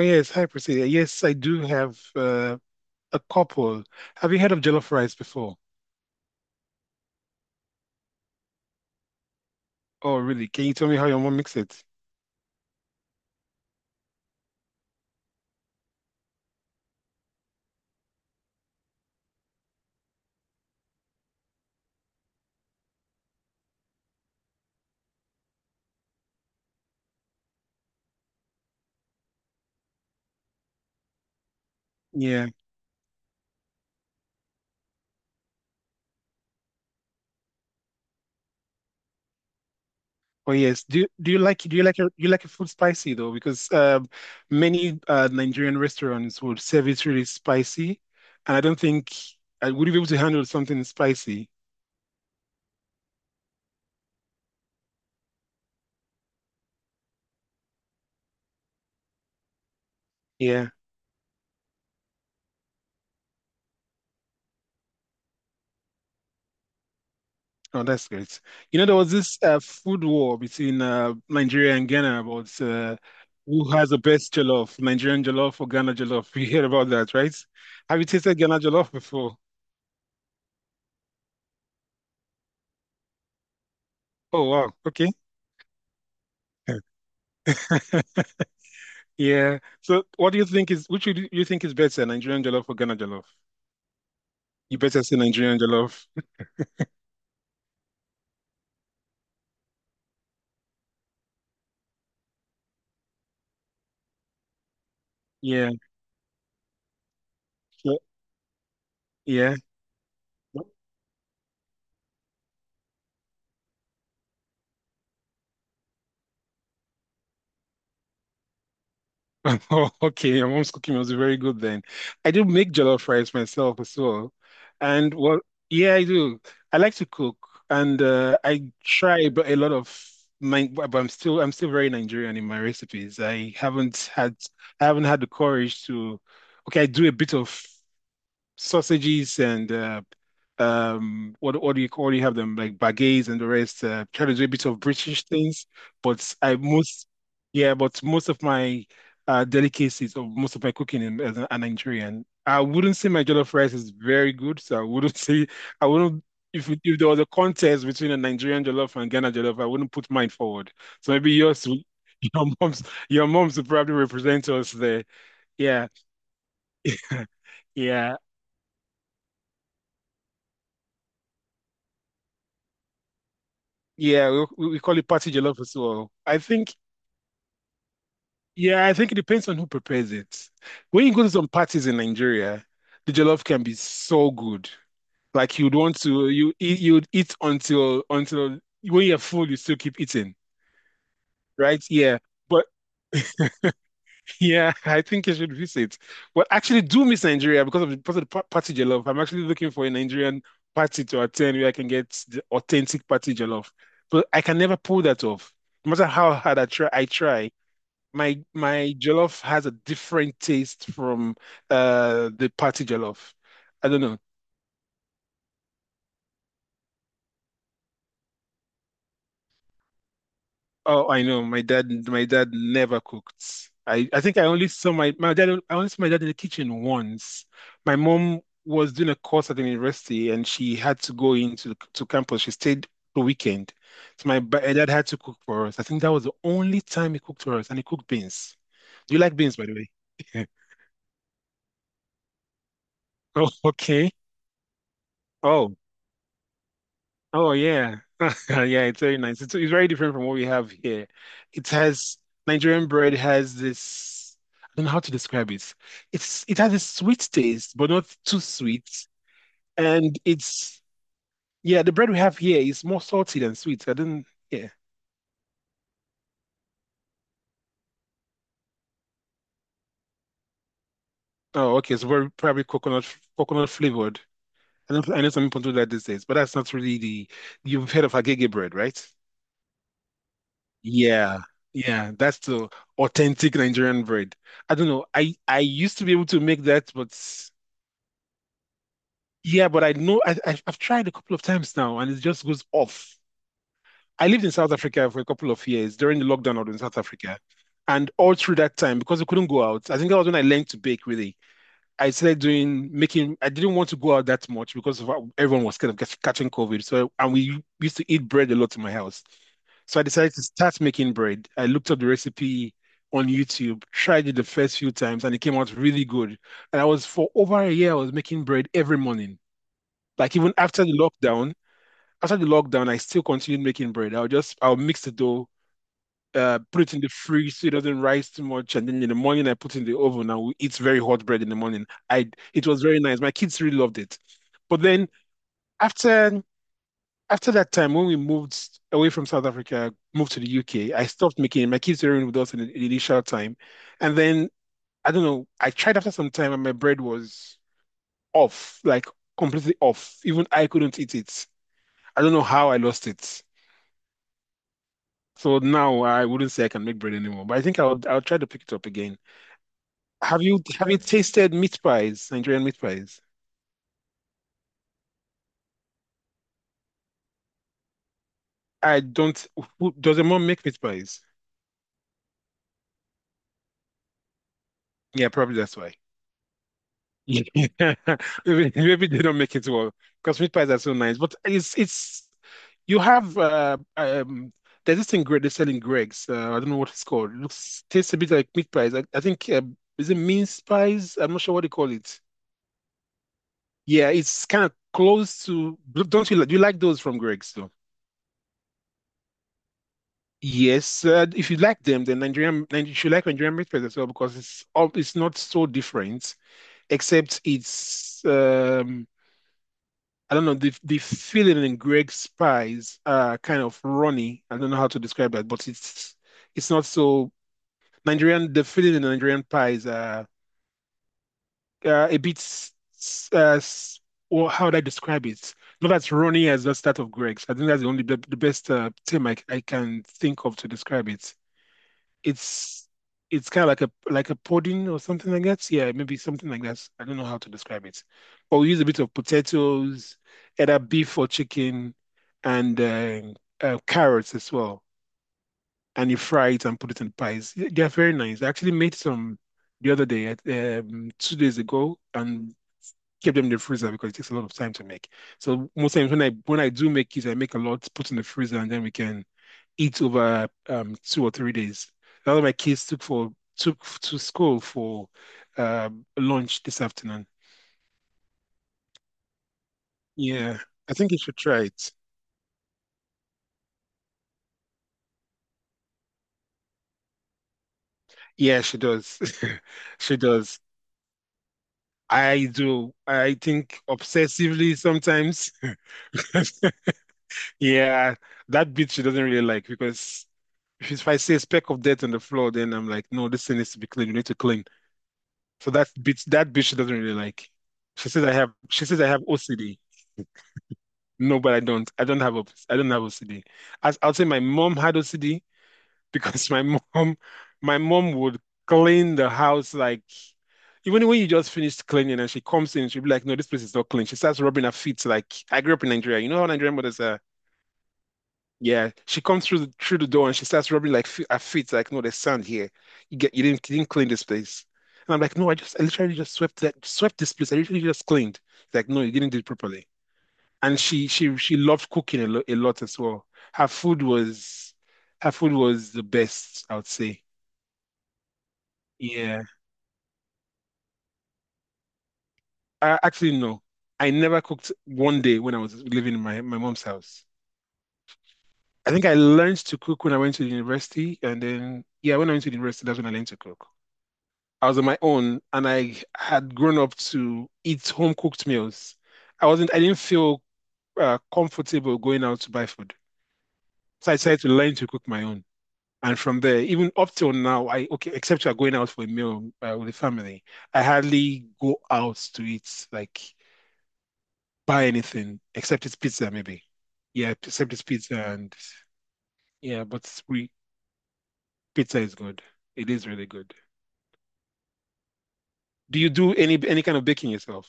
Yes, hi Priscilla. Yes, I do have a couple. Have you heard of jollof rice before? Oh, really? Can you tell me how your mom makes it? Yeah. Oh, yes. Do you like your food spicy though? Because many Nigerian restaurants would serve it really spicy, and I don't think I would you be able to handle something spicy. Yeah. Oh, that's great. You know, there was this food war between Nigeria and Ghana about who has the best jollof, Nigerian jollof or Ghana jollof. You hear about that, right? Have you tasted Ghana jollof before? Oh, wow. Okay. Yeah. So, what do you think is which would you think is better, Nigerian jollof or Ghana jollof? You better say Nigerian jollof. Yeah. So, yeah. Oh, okay, your mom's cooking was very good then. I do make jollof rice myself as well. And well, yeah, I do. I like to cook and I try, but a lot of my but I'm still very Nigerian in my recipes. I haven't had the courage to, okay, I do a bit of sausages and what do you call, you have them like baguettes and the rest, try to do a bit of British things but I most yeah, but most of my delicacies, or most of my cooking in, as a Nigerian, I wouldn't say my jollof rice is very good, so I wouldn't say I wouldn't. If if there was a contest between a Nigerian jollof and Ghana jollof, I wouldn't put mine forward, so maybe yours will- your mom's your mom's will probably represent us there. Yeah. Yeah. Yeah, we call it party jollof as well. I think, yeah, I think it depends on who prepares it. When you go to some parties in Nigeria, the jollof can be so good. Like you'd want to, you eat, you'd eat until when you're full, you still keep eating, right? Yeah, but yeah, I think you should visit. But actually, do miss Nigeria because of the party jollof. I'm actually looking for a Nigerian party to attend where I can get the authentic party jollof, but I can never pull that off. No matter how hard I try, I try. My jollof has a different taste from the party jollof. I don't know. Oh, I know. My dad never cooked. I think I only saw my dad in the kitchen once. My mom was doing a course at the university and she had to go into to campus. She stayed the weekend. So my dad had to cook for us. I think that was the only time he cooked for us, and he cooked beans. Do you like beans, by the way? Oh, okay. Oh. Oh yeah, yeah, it's very nice. It's very different from what we have here. It has Nigerian bread has this. I don't know how to describe it. It has a sweet taste, but not too sweet. And it's yeah, the bread we have here is more salty than sweet. I don't Yeah. Oh, okay, it's very probably coconut flavored. I know some people do that these days, but that's not really the. You've heard of agege bread, right? Yeah, yeah, that's the authentic Nigerian bread. I don't know. I used to be able to make that, but yeah, but I know, I've tried a couple of times now, and it just goes off. I lived in South Africa for a couple of years during the lockdown out in South Africa, and all through that time because we couldn't go out. I think that was when I learned to bake really. I started doing making. I didn't want to go out that much because of how everyone was kind of catching COVID. So and we used to eat bread a lot in my house. So I decided to start making bread. I looked up the recipe on YouTube, tried it the first few times, and it came out really good. And I was for over a year, I was making bread every morning. Like even after the lockdown, I still continued making bread. I'll mix the dough, put it in the fridge so it doesn't rise too much. And then in the morning, I put it in the oven and we eat very hot bread in the morning. I It was very nice. My kids really loved it. But then after that time, when we moved away from South Africa, moved to the UK, I stopped making it. My kids were with us in the initial time, and then I don't know. I tried after some time, and my bread was off, like completely off. Even I couldn't eat it. I don't know how I lost it. So now I wouldn't say I can make bread anymore, but I think I'll try to pick it up again. Have you tasted meat pies, Nigerian meat pies? I don't. Who, does your mom make meat pies? Yeah, probably that's why. Yeah. Maybe, maybe they don't make it well because meat pies are so nice. But it's you have there's this thing great they sell in Greg's. I don't know what it's called. It looks tastes a bit like meat pies. I think, is it mince pies? I'm not sure what they call it. Yeah, it's kind of close to. Don't you like, do you like those from Greg's? Yes, if you like them, then you should like Nigerian breakfast as well because it's not so different, except it's I don't know the filling in Greg's pies are kind of runny. I don't know how to describe that, but it's not so Nigerian. The filling in Nigerian pies are a bit or how would I describe it? Not as runny as the start of Greg's. I think that's the best term I can think of to describe it. it's it's kind of like a pudding or something like that. Yeah, maybe something like that. I don't know how to describe it. But we use a bit of potatoes, either beef or chicken, and carrots as well. And you fry it and put it in pies. They are very nice. I actually made some the other day, 2 days ago, and kept them in the freezer because it takes a lot of time to make. So most times when I do make it, I make a lot, put in the freezer, and then we can eat over 2 or 3 days. That's what my kids took to school for lunch this afternoon. Yeah, I think you should try it. Yeah, she does. She does. I do. I think obsessively sometimes. Yeah, that bit she doesn't really like because if I say a speck of dirt on the floor, then I'm like, no, this thing needs to be clean. We need to clean. So that bit she doesn't really like. She says I have. She says I have OCD. No, but I don't. I don't have OCD. As I'll say, my mom had OCD because my mom would clean the house like even when you just finished cleaning and she comes in, she'll be like, "No, this place is not clean." She starts rubbing her feet, like, I grew up in Nigeria. You know how Nigerian mothers are. Yeah, she comes through through the door and she starts rubbing like fe her feet like, "No, there's sand here. You didn't you didn't clean this place." And I'm like, "No, I literally just swept this place. I literally just cleaned." Like, "No, you didn't do it properly." And she loved cooking a lot as well. Her food was Her food was the best, I would say. Yeah. Actually, no. I never cooked one day when I was living in my mom's house. I think I learned to cook when I went to the university, and then yeah, when I went to the university, that's when I learned to cook. I was on my own, and I had grown up to eat home cooked meals. I didn't feel comfortable going out to buy food, so I decided to learn to cook my own. And from there, even up till now, I okay, except you are going out for a meal with the family, I hardly go out to eat, like buy anything except it's pizza, maybe. Yeah, except it's pizza and yeah, but we pizza is good. It is really good. Do you do any kind of baking yourself?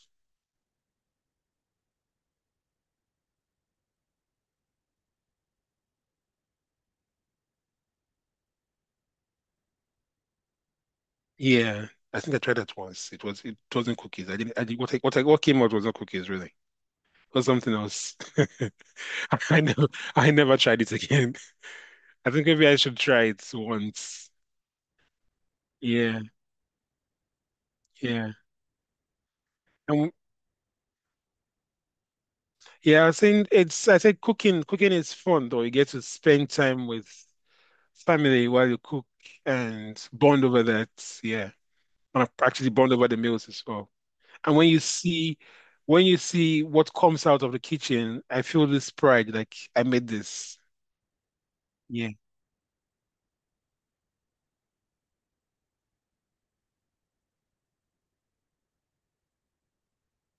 Yeah, I think I tried that once. It wasn't cookies. I didn't. I did what came out was not cookies really. It was something else. I never I never tried it again. I think maybe I should try it once. Yeah, yeah. And yeah, I was saying it's I said cooking is fun though. You get to spend time with family while you cook and bond over that. Yeah. And actually bond over the meals as well. And when when you see what comes out of the kitchen, I feel this pride, like I made this. Yeah.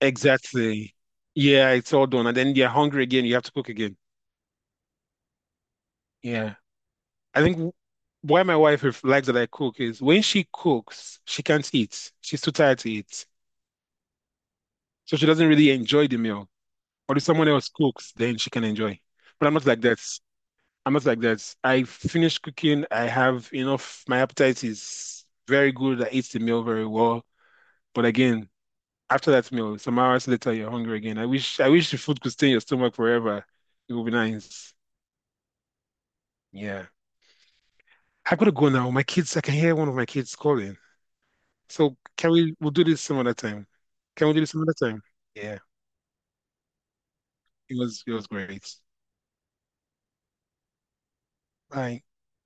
Exactly. Yeah, it's all done. And then you're hungry again, you have to cook again. Yeah. I think why my wife likes that I cook is when she cooks, she can't eat. She's too tired to eat. So she doesn't really enjoy the meal. But if someone else cooks, then she can enjoy. But I'm not like that. I'm not like that. I finish cooking. I have enough. My appetite is very good. I eat the meal very well. But again, after that meal, some hours later, you're hungry again. I wish the food could stay in your stomach forever. It would be nice. Yeah. I gotta go now. My kids, I can hear one of my kids calling. So we'll do this some other time. Can we do this some other time? Yeah. It was great. Bye.